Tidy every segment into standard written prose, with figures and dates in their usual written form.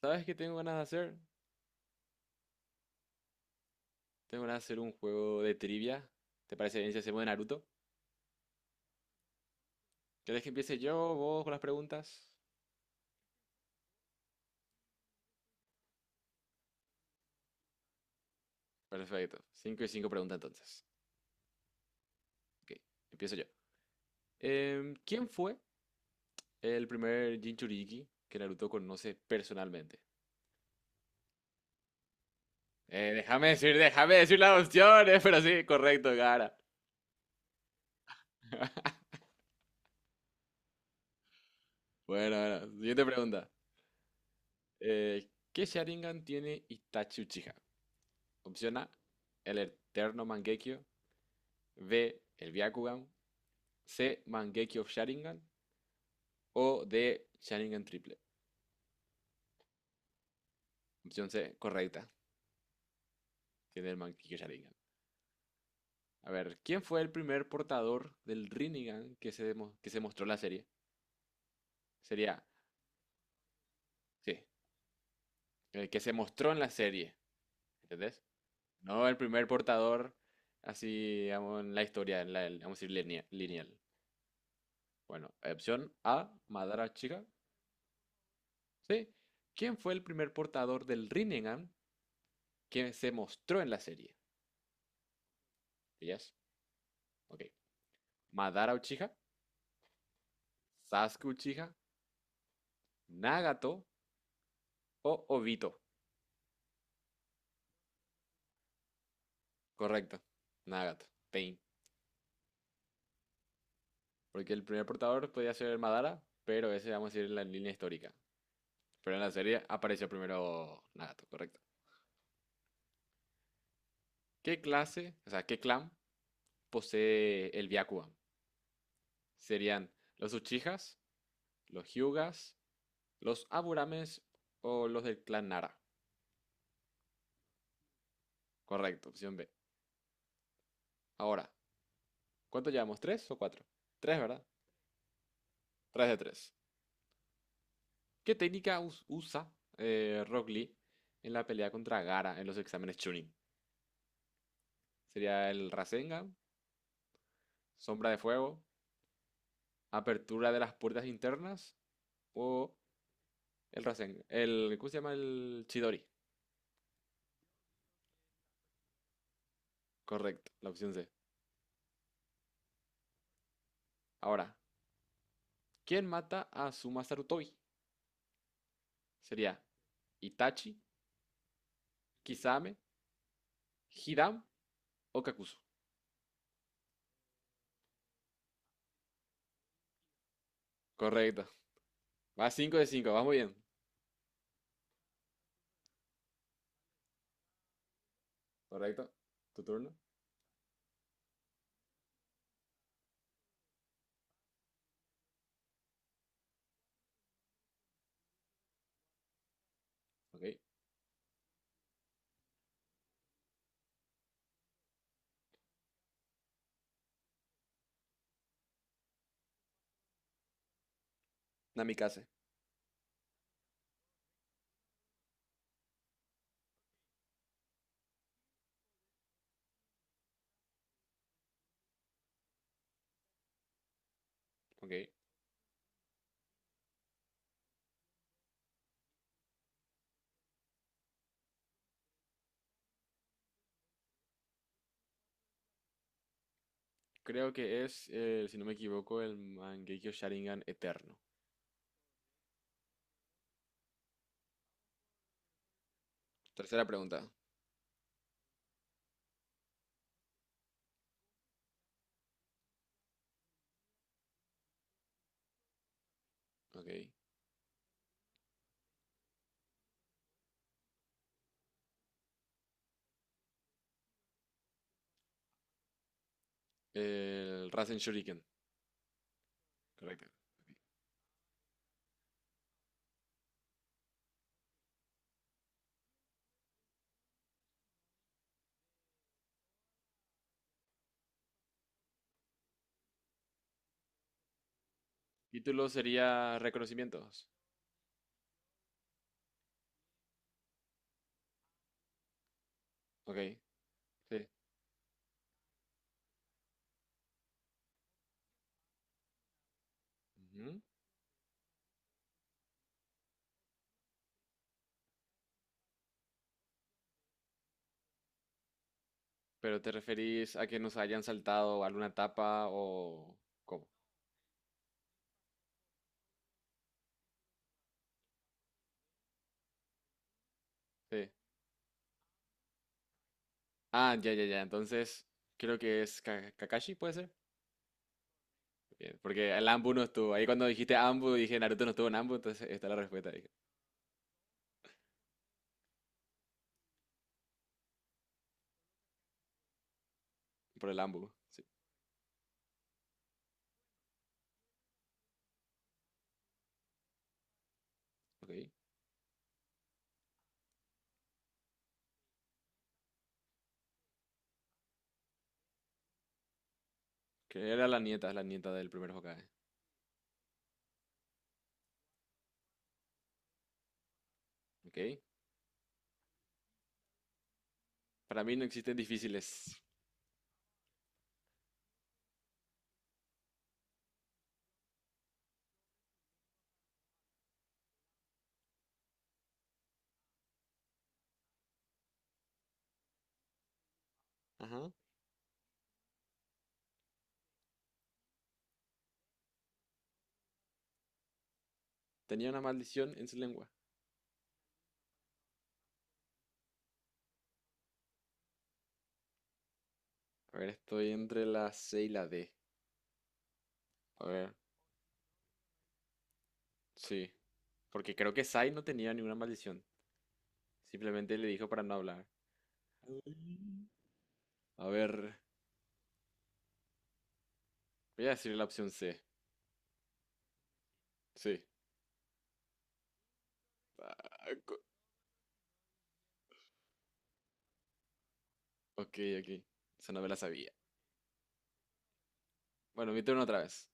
¿Sabes qué tengo ganas de hacer? Tengo ganas de hacer un juego de trivia. ¿Te parece bien si hacemos de Naruto? ¿Querés que empiece yo, vos, con las preguntas? Perfecto. Cinco y cinco preguntas entonces. Ok, empiezo yo. ¿Quién fue el primer Jinchuriki que Naruto conoce personalmente? Déjame decir las opciones, pero sí, correcto, Gara. Bueno, bueno, siguiente pregunta. ¿Qué Sharingan tiene Itachi Uchiha? Opción A, el Eterno Mangekyo. B, el Byakugan. C. Mangeki of Sharingan. O D. Sharingan triple. Opción C, correcta. Tiene el Mangeki Sharingan. A ver, ¿quién fue el primer portador del Rinnegan que se mostró en la serie? Sería, sí, el que se mostró en la serie, ¿entendés? No el primer portador así, digamos, en la historia, en la, vamos a decir, lineal. Bueno, opción A, Madara Chica. Sí. ¿Quién fue el primer portador del Rinnegan que se mostró en la serie? ¿Ellas? Ok. ¿Madara Uchiha? Sasuke Uchiha, Nagato o Obito. Correcto, Nagato, Pain. Porque el primer portador podía ser Madara, pero ese vamos a ir en la línea histórica. Pero en la serie apareció primero Nagato, correcto. ¿Qué clase, o sea, qué clan posee el Byakugan? ¿Serían los Uchihas, los Hyugas, los Aburames o los del clan Nara? Correcto, opción B. Ahora, ¿cuánto llevamos? ¿Tres o cuatro? Tres, ¿verdad? Tres de tres. ¿Qué técnica usa Rock Lee en la pelea contra Gara en los exámenes Chunin? ¿Sería el Rasengan, Sombra de Fuego, Apertura de las Puertas Internas o el Rasengan? El, ¿cómo se llama? El Chidori. Correcto, la opción C. Ahora, ¿quién mata a Suma Sarutobi? ¿Sería Itachi, Kisame, Hiram o Kakuzu? Correcto. Va 5 de 5, vamos bien. Correcto. ¿Tu turno? Ok, Namikaze. Ok. Creo que es, si no me equivoco, el Mangekyo Sharingan Eterno. Tercera pregunta. Ok. El Rasen Shuriken. Correcto. Título sería Reconocimientos. Ok, sí. Ujú. Pero te referís a que nos hayan saltado alguna etapa o... ¿Cómo? Sí. Ah, ya, ya, ya. Entonces, creo que es Kakashi, ¿puede ser? Bien, porque el Ambu no estuvo. Ahí cuando dijiste Ambu, dije Naruto no estuvo en Ambu, entonces está la respuesta ahí. Por el Ambu. Sí. Ok. Que era la nieta del primer Hokage. Ok. Para mí no existen difíciles. Ajá. Tenía una maldición en su lengua. A ver, estoy entre la C y la D. A ver, sí. Porque creo que Sai no tenía ninguna maldición. Simplemente le dijo para no hablar. Mm. A ver, voy a decir la opción C. Sí. Ah, co- Ok, ok. Esa no me la sabía. Bueno, mi turno otra vez.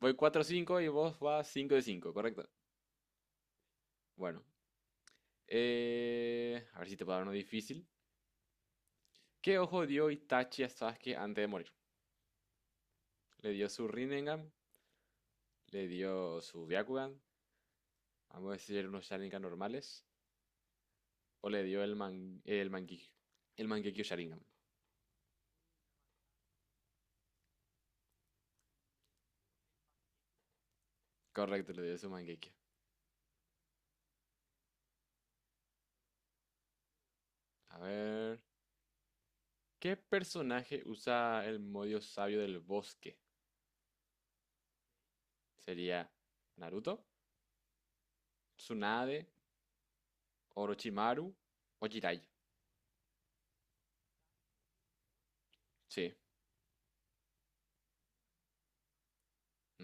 Voy 4 cinco y vos vas 5 de 5, ¿correcto? Bueno, a ver si te puedo dar uno difícil. ¿Qué ojo dio Itachi a Sasuke antes de morir? Le dio su Rinnegan, le dio su Byakugan, vamos a decir unos Sharingan normales, o le dio el, man, el Mangekyo. El Mangekyo Sharingan. Correcto, le dio su Mangekyo. A ver. ¿Qué personaje usa el modo sabio del bosque? ¿Sería Naruto, Tsunade, Orochimaru o Jiraiya? Sí,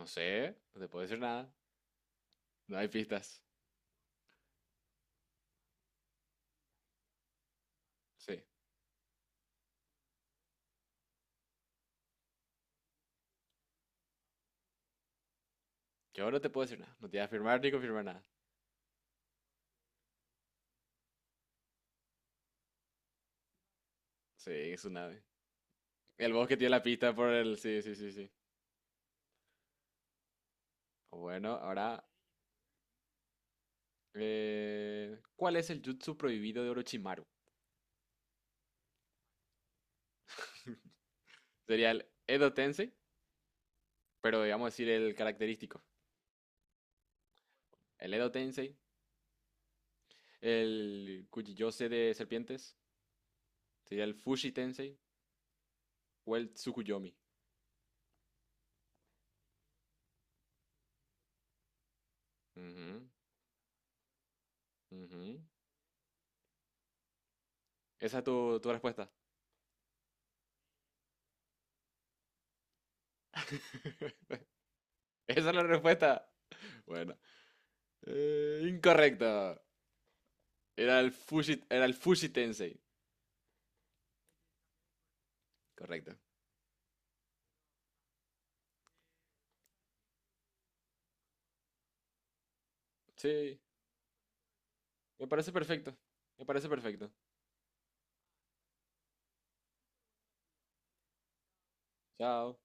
no sé, no te puedo decir nada. No hay pistas. Sí, yo no te puedo decir nada. No te voy a afirmar ni confirmar nada. Sí, Tsunade. El bosque tiene la pista por el. Sí, sí, sí, sí. Bueno, ahora, ¿cuál es el jutsu prohibido de Orochimaru? Sería el Edo Tensei, pero digamos decir el característico. El Edo Tensei, el Kuchiyose de serpientes, sería el Fushi Tensei o el Tsukuyomi. Ujú, ujú. Esa es tu, tu respuesta. Esa es la respuesta. Bueno, incorrecto. Era el Fushi Tensei. Correcto. Sí, me parece perfecto. Me parece perfecto. Chao.